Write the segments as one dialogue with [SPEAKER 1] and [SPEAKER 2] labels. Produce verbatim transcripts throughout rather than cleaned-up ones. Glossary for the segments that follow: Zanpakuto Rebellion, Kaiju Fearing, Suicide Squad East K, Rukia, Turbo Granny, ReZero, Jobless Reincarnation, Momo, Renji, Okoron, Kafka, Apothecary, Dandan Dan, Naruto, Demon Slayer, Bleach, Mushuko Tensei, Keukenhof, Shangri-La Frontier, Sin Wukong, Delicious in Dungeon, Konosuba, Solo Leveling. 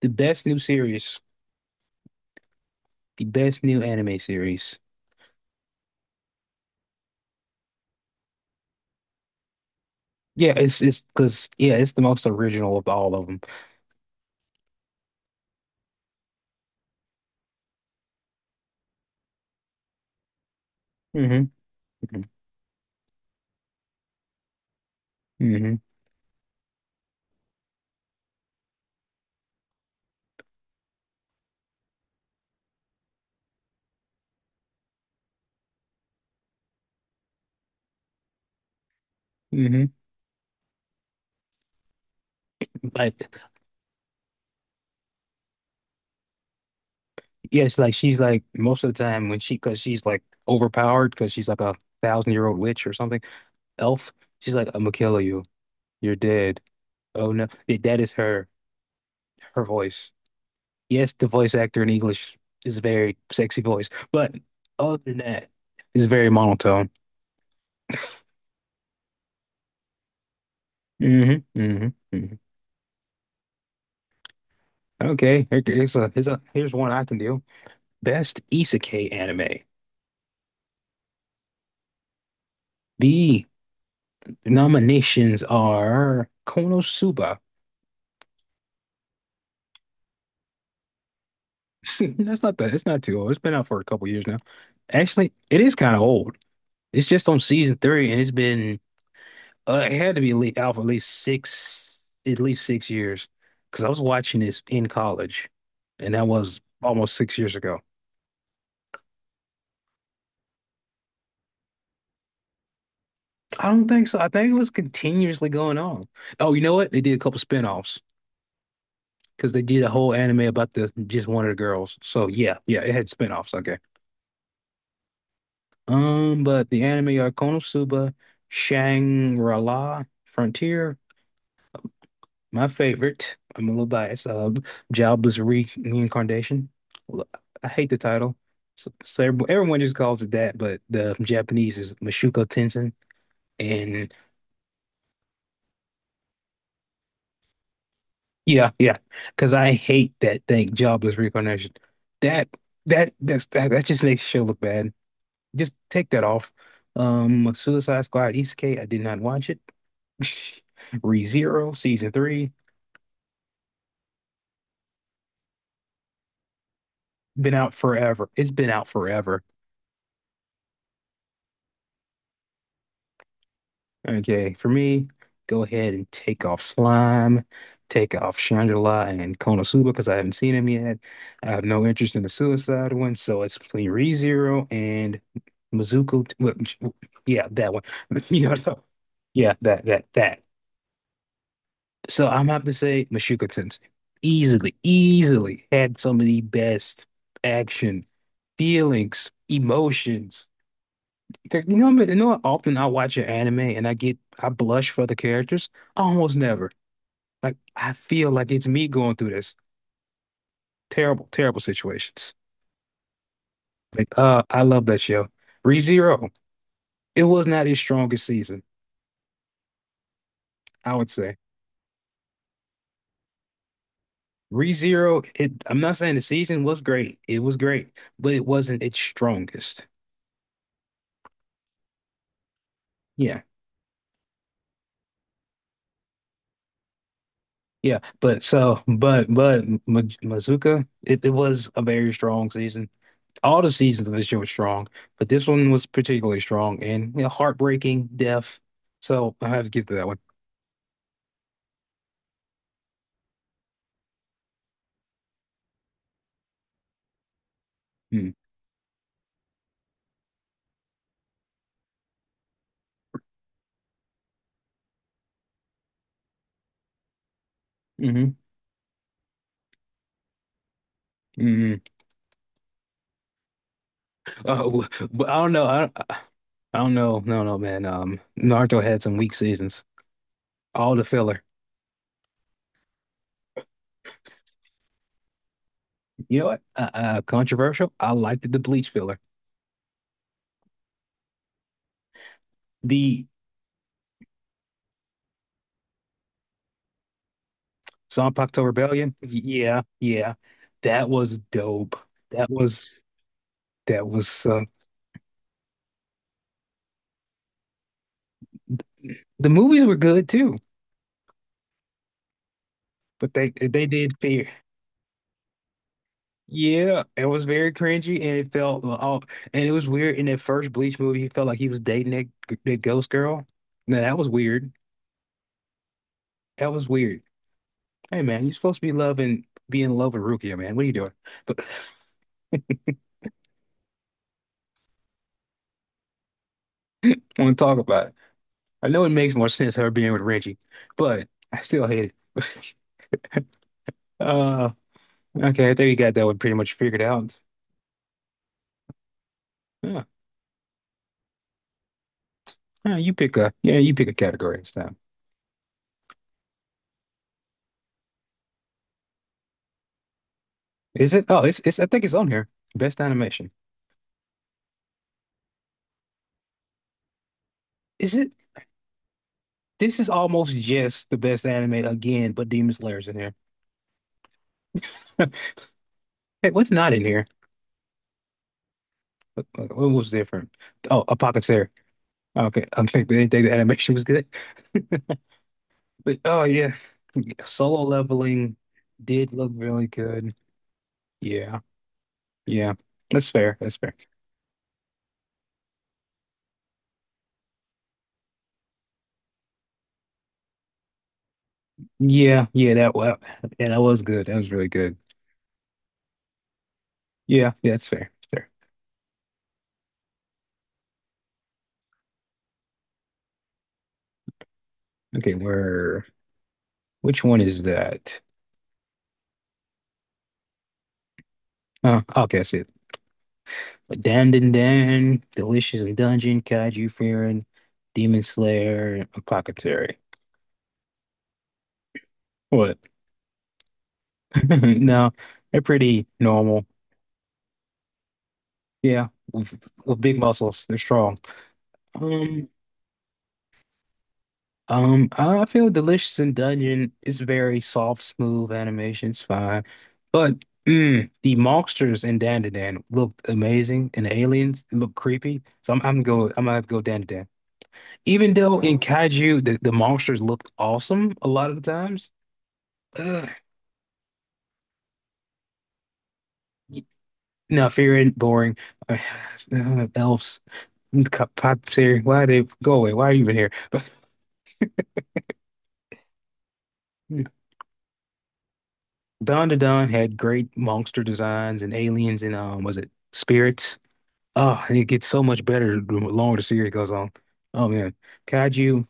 [SPEAKER 1] The best new series, the best new anime series. Yeah, it's it's because yeah, it's the most original of all of them. Mm-hmm. Mm-hmm. hmm Like yeah, it's like she's like most of the time when she because she's like overpowered because she's like a thousand year old witch or something. Elf, she's like I'm gonna kill you. You're dead. Oh no, yeah, that is her her voice. Yes, the voice actor in English is a very sexy voice, but other than that, it's very monotone. hmm hmm hmm Okay, here- here's a, here's a, here's one I can do. Best Isekai anime. The nominations are Konosuba. That's not that. It's not too old. It's been out for a couple years now. Actually, it is kind of old. It's just on season three, and it's been uh, it had to be le- out for at least six, at least six years, because I was watching this in college, and that was almost six years ago. I don't think so. I think it was continuously going on. Oh, you know what? They did a couple spin-offs, because they did a whole anime about the just one of the girls. So yeah, yeah, it had spinoffs. Okay. Um, but the anime are Konosuba, Shangri-La, Frontier, my favorite. I'm a little biased. Uh, Jobless Re- Reincarnation. L- I hate the title. So, so everyone, everyone just calls it that, but the Japanese is Mashuko Tensei. And yeah, yeah, because I hate that thing, Jobless Reincarnation. That that that's, that that just makes the show look bad. Just take that off. Um, Suicide Squad East K, I did not watch it. ReZero season three, been out forever. It's been out forever. Okay, for me, go ahead and take off Slime, take off Shangela and Konosuba because I haven't seen him yet. I have no interest in the Suicide one, so it's between ReZero and Mizuku. t- well, j- Yeah, that one. You know, so- yeah, that that that. So I'm have to say Mashuka Tensei easily, easily had some of the best action, feelings, emotions. You know, you know, how often I watch an anime and I get I blush for the characters. Almost never. Like I feel like it's me going through this terrible, terrible situations. Like uh, I love that show. ReZero. It was not his strongest season, I would say. ReZero. It. I'm not saying the season was great. It was great, but it wasn't its strongest. Yeah. Yeah, but so, but but Ma- Mazuka, it, it was a very strong season. All the seasons of this year were strong, but this one was particularly strong and you know, heartbreaking, death. So I have to give to that one. Mm. Mm-hmm. Mm-hmm. Oh, but I don't know. I, don't- I don't know. No, no, man. Um, Naruto had some weak seasons. All the filler. You know what? Uh, uh, controversial. I liked the Bleach filler. The Zanpakuto Rebellion. Yeah, yeah. That was dope. That was That was uh, the movies were good too, but they they did fear. Yeah, it was very cringy, and it felt oh, and it was weird. In that first Bleach movie, he felt like he was dating that, that ghost girl. Now that was weird. That was weird. Hey man, you're supposed to be loving, be in love with Rukia, man. What are you doing? But I want to talk about it. I know it makes more sense her being with Renji, but I still hate it. Uh, okay, I think you got that one pretty much figured out. Yeah, yeah, you pick a yeah, you pick a category this time. Is it? Oh, it's it's I think it's on here. Best animation. Is it? This is almost just the best anime again, but Demon Slayer's in here. Hey, what's not in here? What, what was different? Oh, a okay, I think they didn't think the animation was good. But oh yeah, solo leveling did look really good. Yeah, yeah, that's fair. That's fair. Yeah, yeah, that well, yeah, that was good. That was really good. Yeah, yeah, that's fair. Fair. Okay, where? Which one is that? Oh, okay, I see it. But Dandan Dan, Delicious in Dungeon, Kaiju Fearing, Demon Slayer, and Apothecary. What? No, they're pretty normal. Yeah, with, with big muscles, they're strong. Um, um, I feel Delicious in Dungeon is very soft, smooth animation. It's fine, but mm, the monsters in Dandan Dan looked amazing, and the aliens look creepy. So I'm, I'm go, I'm gonna have to go Dandan Dan. Even though in Kaiju, the, the monsters looked awesome a lot of the times. Ugh. No, fear ain't boring. Uh, elves, pops here. Why they go away? Why are you even here? But Dawn to Dawn had great monster designs and aliens and um, was it spirits? Oh, and it gets so much better the longer the series goes on. Oh man, Kaiju.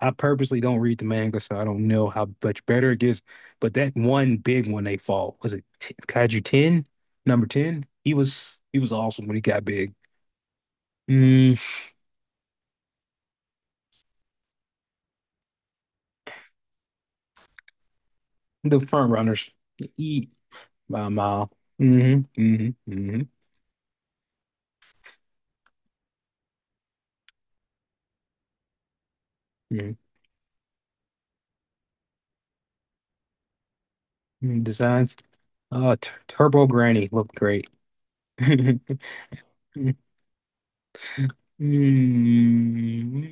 [SPEAKER 1] I purposely don't read the manga, so I don't know how much better it gets. But that one big one they fought was it Kaiju ten, number ten? He was he was awesome when he got big. Mm. The front runners. Eat by a mile. Mm-hmm. Mm-hmm. Mm-hmm. hmm Designs. Uh, t Turbo Granny looked great. Mm.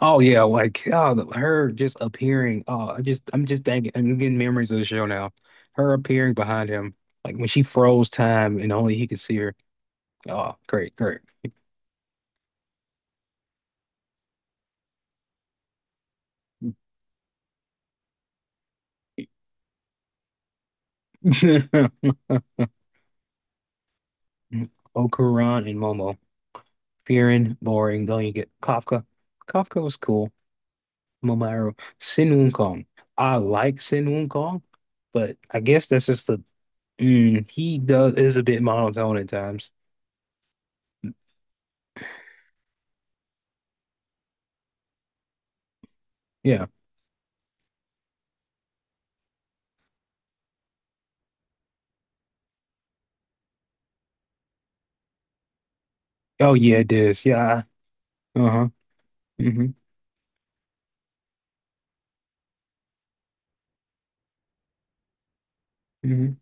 [SPEAKER 1] Oh yeah, like oh, the- her just appearing. Oh, I just I'm just thinking I'm getting memories of the show now. Her appearing behind him, like when she froze time and only he could see her. Oh, great, great. Okoron and Momo. Fearing, boring, don't you get Kafka? Kafka was cool. Momairo. Sin Wukong. I like Sin Wukong, but I guess that's just the mm, he does is a bit monotone at times. Yeah. Oh yeah, it is. Yeah. Uh-huh. hmm hmm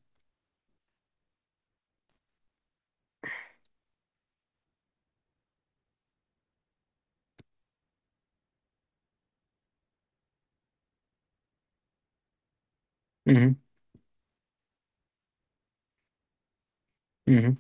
[SPEAKER 1] hmm hmm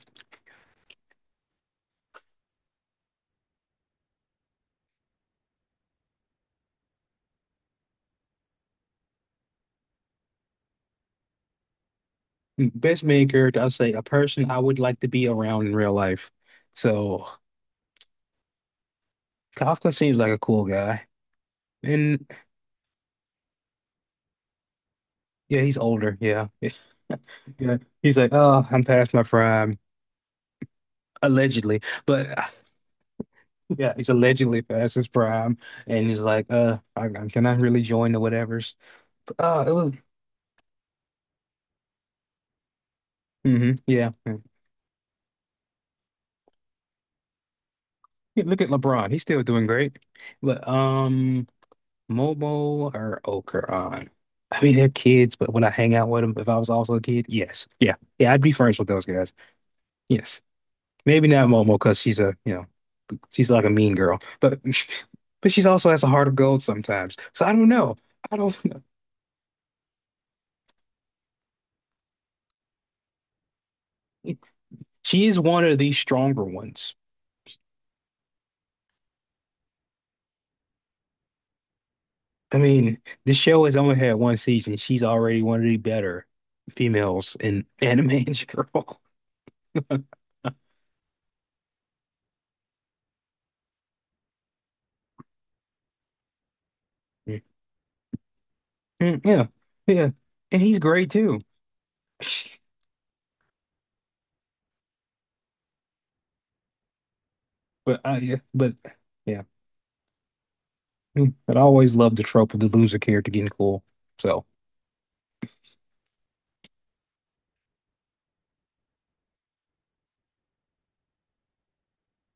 [SPEAKER 1] Best main character, I'll say a person I would like to be around in real life. So Kafka seems like a cool guy. And yeah, he's older. Yeah. Yeah. He's like, oh, I'm past my prime, allegedly. But yeah, he's allegedly past his prime, and he's like, "Uh, I, I cannot really join the whatevers." But, uh, it was, hmm yeah. Yeah, yeah, look at LeBron; he's still doing great. But um, Momo or Okeron, I mean, they're kids, but would I hang out with them if I was also a kid? Yes, yeah, yeah. I'd be friends with those guys. Yes, maybe not Momo because she's a, you know, she's like a mean girl, but but she's also has a heart of gold sometimes. So I don't know. I don't know. She is one of the stronger ones. I mean, the show has only had one season. She's already one of the better females in anime in general. Yeah, mm, yeah, yeah, and he's great too. But I, yeah, but Yeah, mm, but I always loved the trope of the loser character getting cool. So,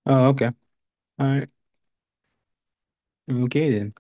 [SPEAKER 1] oh, okay, all right, okay then.